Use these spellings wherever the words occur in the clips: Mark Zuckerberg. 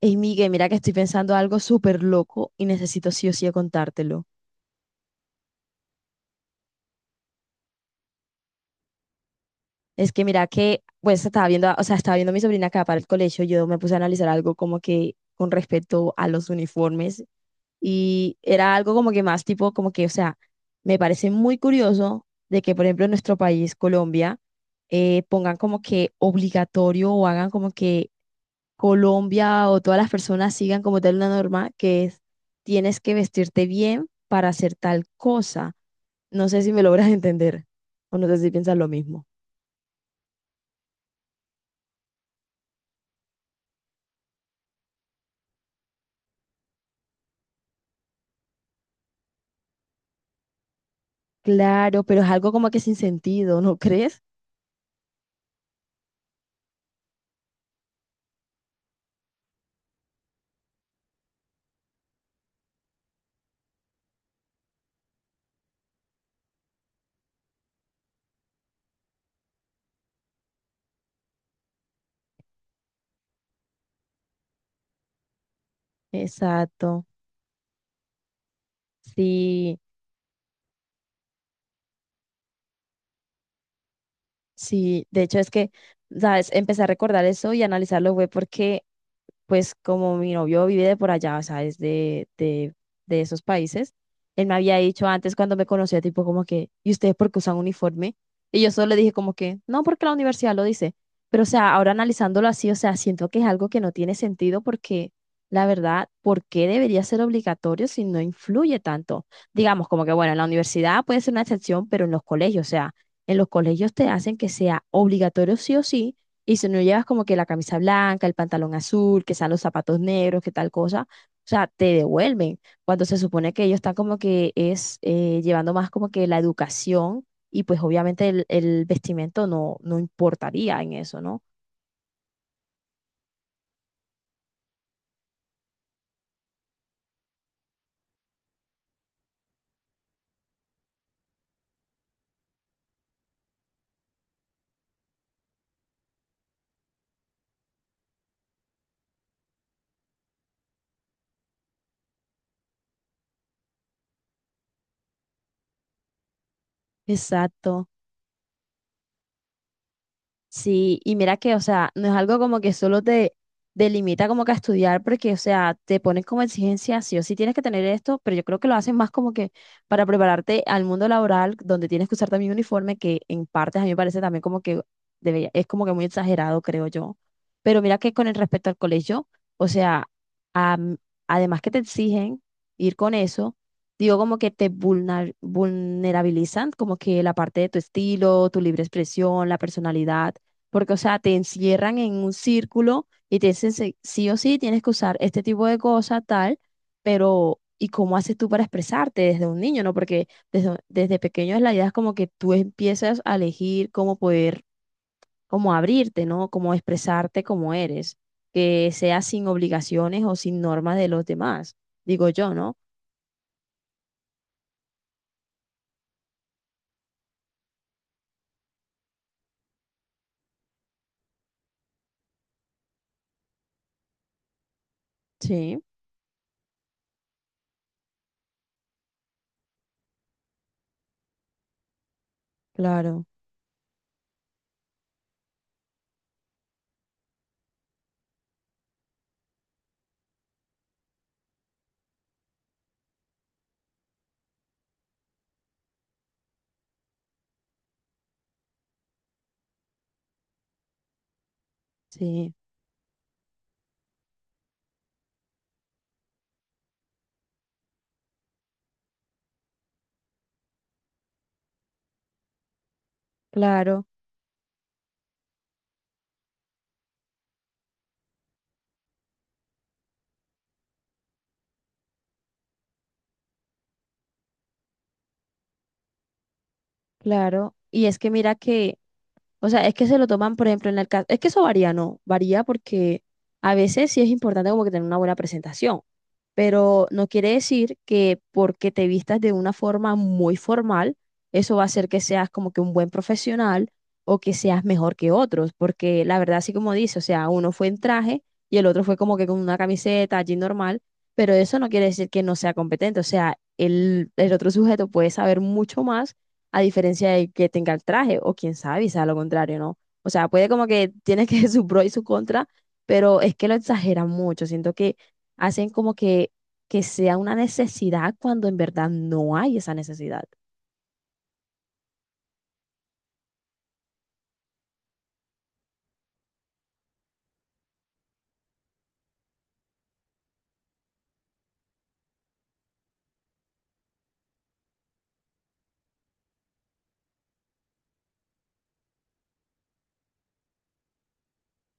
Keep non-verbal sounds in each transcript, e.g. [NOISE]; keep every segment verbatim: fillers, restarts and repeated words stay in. Ey, Miguel, mira que estoy pensando algo súper loco y necesito sí o sí contártelo. Es que mira que, pues estaba viendo, a- o sea, estaba viendo a mi sobrina acá para el colegio, yo me puse a analizar algo como que con respecto a los uniformes y era algo como que más tipo, como que, o sea, me parece muy curioso de que, por ejemplo, en nuestro país, Colombia, eh, pongan como que obligatorio o hagan como que Colombia o todas las personas sigan como tal una norma que es, tienes que vestirte bien para hacer tal cosa. No sé si me logras [LAUGHS] entender o no sé si piensas lo mismo. Claro, pero es algo como que sin sentido, ¿no crees? Exacto. Sí, sí. De hecho, es que, ¿sabes? Empecé a recordar eso y a analizarlo fue porque pues como mi novio vive de por allá, o sea, es de, de, de esos países, él me había dicho antes cuando me conocía, tipo como que, ¿y ustedes por qué usan uniforme? Y yo solo le dije como que, no, porque la universidad lo dice. Pero, o sea, ahora analizándolo así, o sea, siento que es algo que no tiene sentido porque, la verdad, ¿por qué debería ser obligatorio si no influye tanto? Digamos, como que, bueno, en la universidad puede ser una excepción, pero en los colegios, o sea, en los colegios te hacen que sea obligatorio sí o sí y si no llevas como que la camisa blanca, el pantalón azul, que sean los zapatos negros, que tal cosa, o sea, te devuelven. Cuando se supone que ellos están como que es eh, llevando más como que la educación y pues obviamente el, el vestimento no, no importaría en eso, ¿no? Exacto. Sí, y mira que, o sea, no es algo como que solo te delimita como que a estudiar, porque, o sea, te ponen como exigencia, sí o sí tienes que tener esto, pero yo creo que lo hacen más como que para prepararte al mundo laboral, donde tienes que usar también uniforme, que en partes a mí me parece también como que debería, es como que muy exagerado, creo yo. Pero mira que con el respecto al colegio, o sea, am- además que te exigen ir con eso, digo como que te vulnar- vulnerabilizan, como que la parte de tu estilo, tu libre expresión, la personalidad porque, o sea, te encierran en un círculo y te dicen se- sí o sí tienes que usar este tipo de cosa, tal, pero ¿y cómo haces tú para expresarte desde un niño, no? Porque desde, desde pequeño la idea es como que tú empiezas a elegir cómo poder, cómo abrirte, ¿no? Cómo expresarte como eres, que sea sin obligaciones o sin normas de los demás, digo yo, ¿no? Sí, claro, sí, claro. Claro. Y es que mira que, o sea, es que se lo toman, por ejemplo, en el caso, es que eso varía, ¿no? Varía porque a veces sí es importante como que tener una buena presentación, pero no quiere decir que porque te vistas de una forma muy formal, eso va a hacer que seas como que un buen profesional o que seas mejor que otros, porque la verdad, así como dice, o sea, uno fue en traje y el otro fue como que con una camiseta, jean normal, pero eso no quiere decir que no sea competente, o sea, el, el otro sujeto puede saber mucho más a diferencia de que tenga el traje, o quién sabe, y sea lo contrario, ¿no? O sea, puede como que tiene que [LAUGHS] su pro y su contra, pero es que lo exageran mucho, siento que hacen como que, que sea una necesidad cuando en verdad no hay esa necesidad.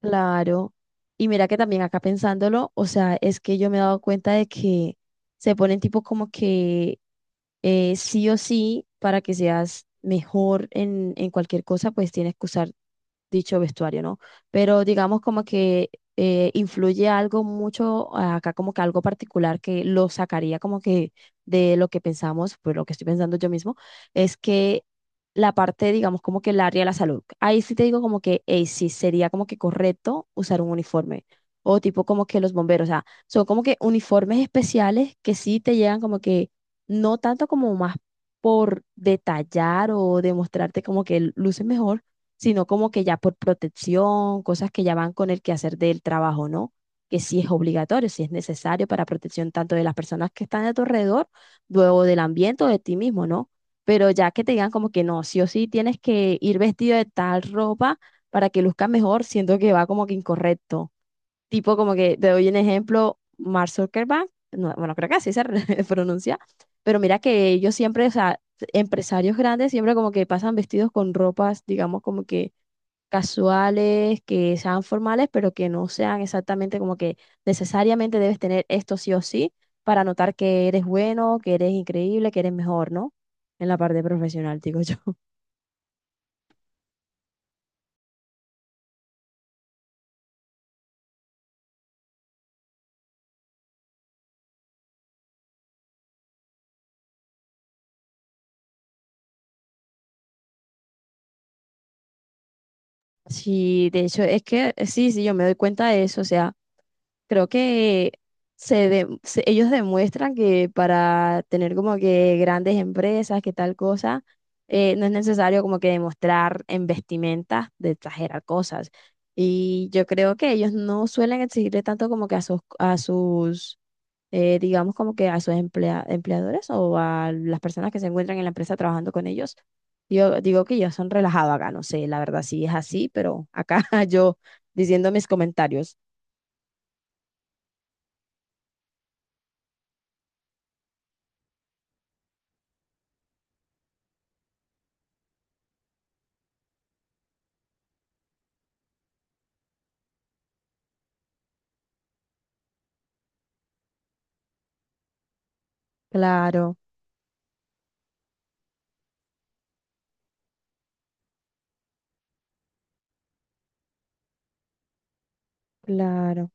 Claro. Y mira que también acá pensándolo, o sea, es que yo me he dado cuenta de que se ponen tipo como que eh, sí o sí, para que seas mejor en, en cualquier cosa, pues tienes que usar dicho vestuario, ¿no? Pero digamos como que eh, influye algo mucho ah, acá, como que algo particular que lo sacaría como que de lo que pensamos, pues lo que estoy pensando yo mismo, es que la parte, digamos, como que el área de la salud. Ahí sí te digo como que, hey, sí, sería como que correcto usar un uniforme. O tipo como que los bomberos, o sea, son como que uniformes especiales que sí te llegan como que, no tanto como más por detallar o demostrarte como que luces mejor, sino como que ya por protección, cosas que ya van con el quehacer del trabajo, ¿no? Que sí es obligatorio, sí es necesario para protección tanto de las personas que están a tu alrededor, luego del ambiente o de ti mismo, ¿no? Pero ya que te digan como que no, sí o sí tienes que ir vestido de tal ropa para que luzcas mejor, siento que va como que incorrecto. Tipo como que, te doy un ejemplo, Mark Zuckerberg, no, bueno, creo que así se re- [LAUGHS] pronuncia, pero mira que ellos siempre, o sea, empresarios grandes siempre como que pasan vestidos con ropas, digamos, como que casuales, que sean formales, pero que no sean exactamente como que necesariamente debes tener esto sí o sí para notar que eres bueno, que eres increíble, que eres mejor, ¿no? En la parte profesional, digo yo. [LAUGHS] Sí, de hecho, es que eh, sí, sí, yo me doy cuenta de eso, o sea. Creo que se de- se- ellos demuestran que para tener como que grandes empresas, que tal cosa, eh, no es necesario como que demostrar en vestimenta de exagerar cosas. Y yo creo que ellos no suelen exigirle tanto como que a sus, a sus eh, digamos como que a sus emplea- empleadores o a las personas que se encuentran en la empresa trabajando con ellos. Yo digo que ellos son relajados acá, no sé, la verdad sí es así, pero acá [LAUGHS] yo diciendo mis comentarios. Claro. Claro,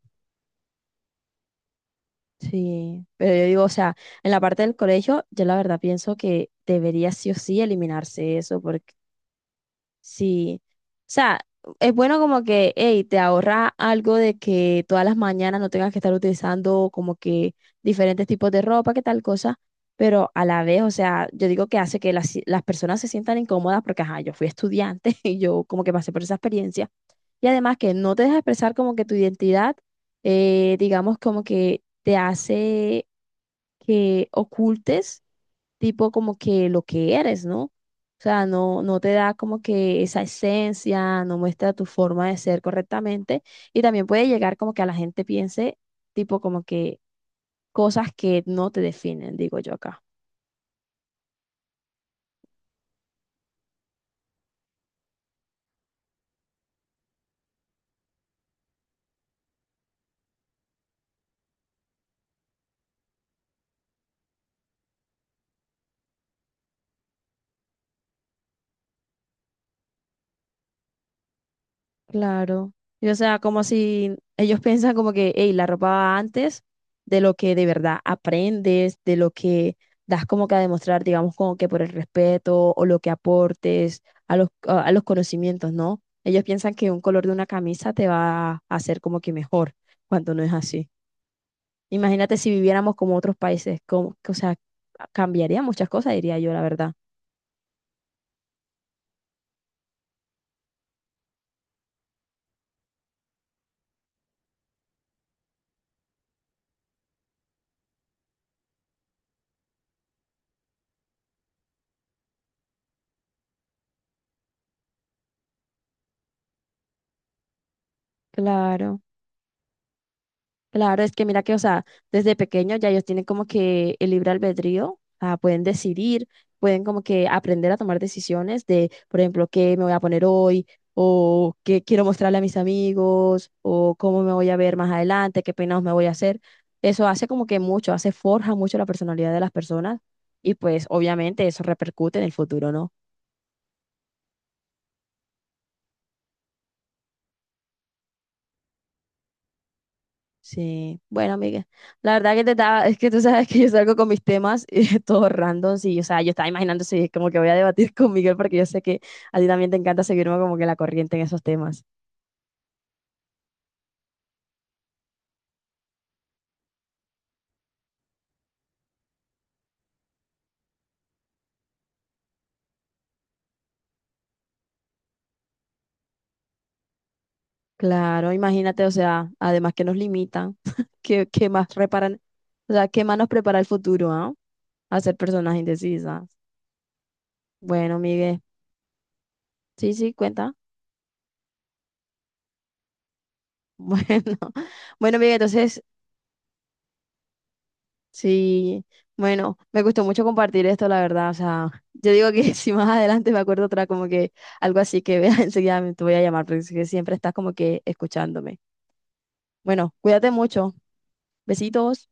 sí. Pero yo digo, o sea, en la parte del colegio, yo la verdad pienso que debería sí o sí eliminarse eso, porque sí. O sea, es bueno como que, hey, te ahorra algo de que todas las mañanas no tengas que estar utilizando como que diferentes tipos de ropa, que tal cosa. Pero a la vez, o sea, yo digo que hace que las, las personas se sientan incómodas porque, ajá, yo fui estudiante [LAUGHS] y yo como que pasé por esa experiencia. Y además que no te deja expresar como que tu identidad, eh, digamos como que te hace que ocultes tipo como que lo que eres, ¿no? O sea, no, no te da como que esa esencia, no muestra tu forma de ser correctamente y también puede llegar como que a la gente piense tipo como que cosas que no te definen, digo yo acá. Claro. Y, o sea, como si ellos piensan como que, hey, la ropa va antes de lo que de verdad aprendes, de lo que das como que a demostrar, digamos, como que por el respeto o lo que aportes a los, a a los conocimientos, ¿no? Ellos piensan que un color de una camisa te va a hacer como que mejor, cuando no es así. Imagínate si viviéramos como otros países, como, o sea, cambiaría muchas cosas, diría yo, la verdad. Claro. Claro, es que mira que, o sea, desde pequeños ya ellos tienen como que el libre albedrío, ah, pueden decidir, pueden como que aprender a tomar decisiones de, por ejemplo, qué me voy a poner hoy, o qué quiero mostrarle a mis amigos, o cómo me voy a ver más adelante, qué peinados me voy a hacer. Eso hace como que mucho, hace forja mucho la personalidad de las personas y pues obviamente eso repercute en el futuro, ¿no? Sí, bueno, amiga, la verdad que te estaba, [LAUGHS] es que tú sabes que yo salgo con mis temas eh, [LAUGHS] todos random, sí, o sea, yo estaba imaginando si es como que voy a debatir [LAUGHS] con Miguel porque yo sé que a ti también te encanta seguirme como que la corriente en esos temas. Claro, imagínate, o sea, además que nos limitan, [LAUGHS] que, que más reparan, o sea, qué más nos prepara el futuro, ¿ah? A ser personas indecisas. Bueno, Miguel, sí, sí, cuenta. [LAUGHS] Bueno, bueno, Miguel, entonces... Sí, bueno, me gustó mucho compartir esto, la verdad. O sea, yo digo que [LAUGHS] si más adelante me acuerdo otra, como que algo así que veas [LAUGHS] enseguida, me- te voy a llamar, porque es que siempre estás como que escuchándome. Bueno, cuídate mucho. Besitos.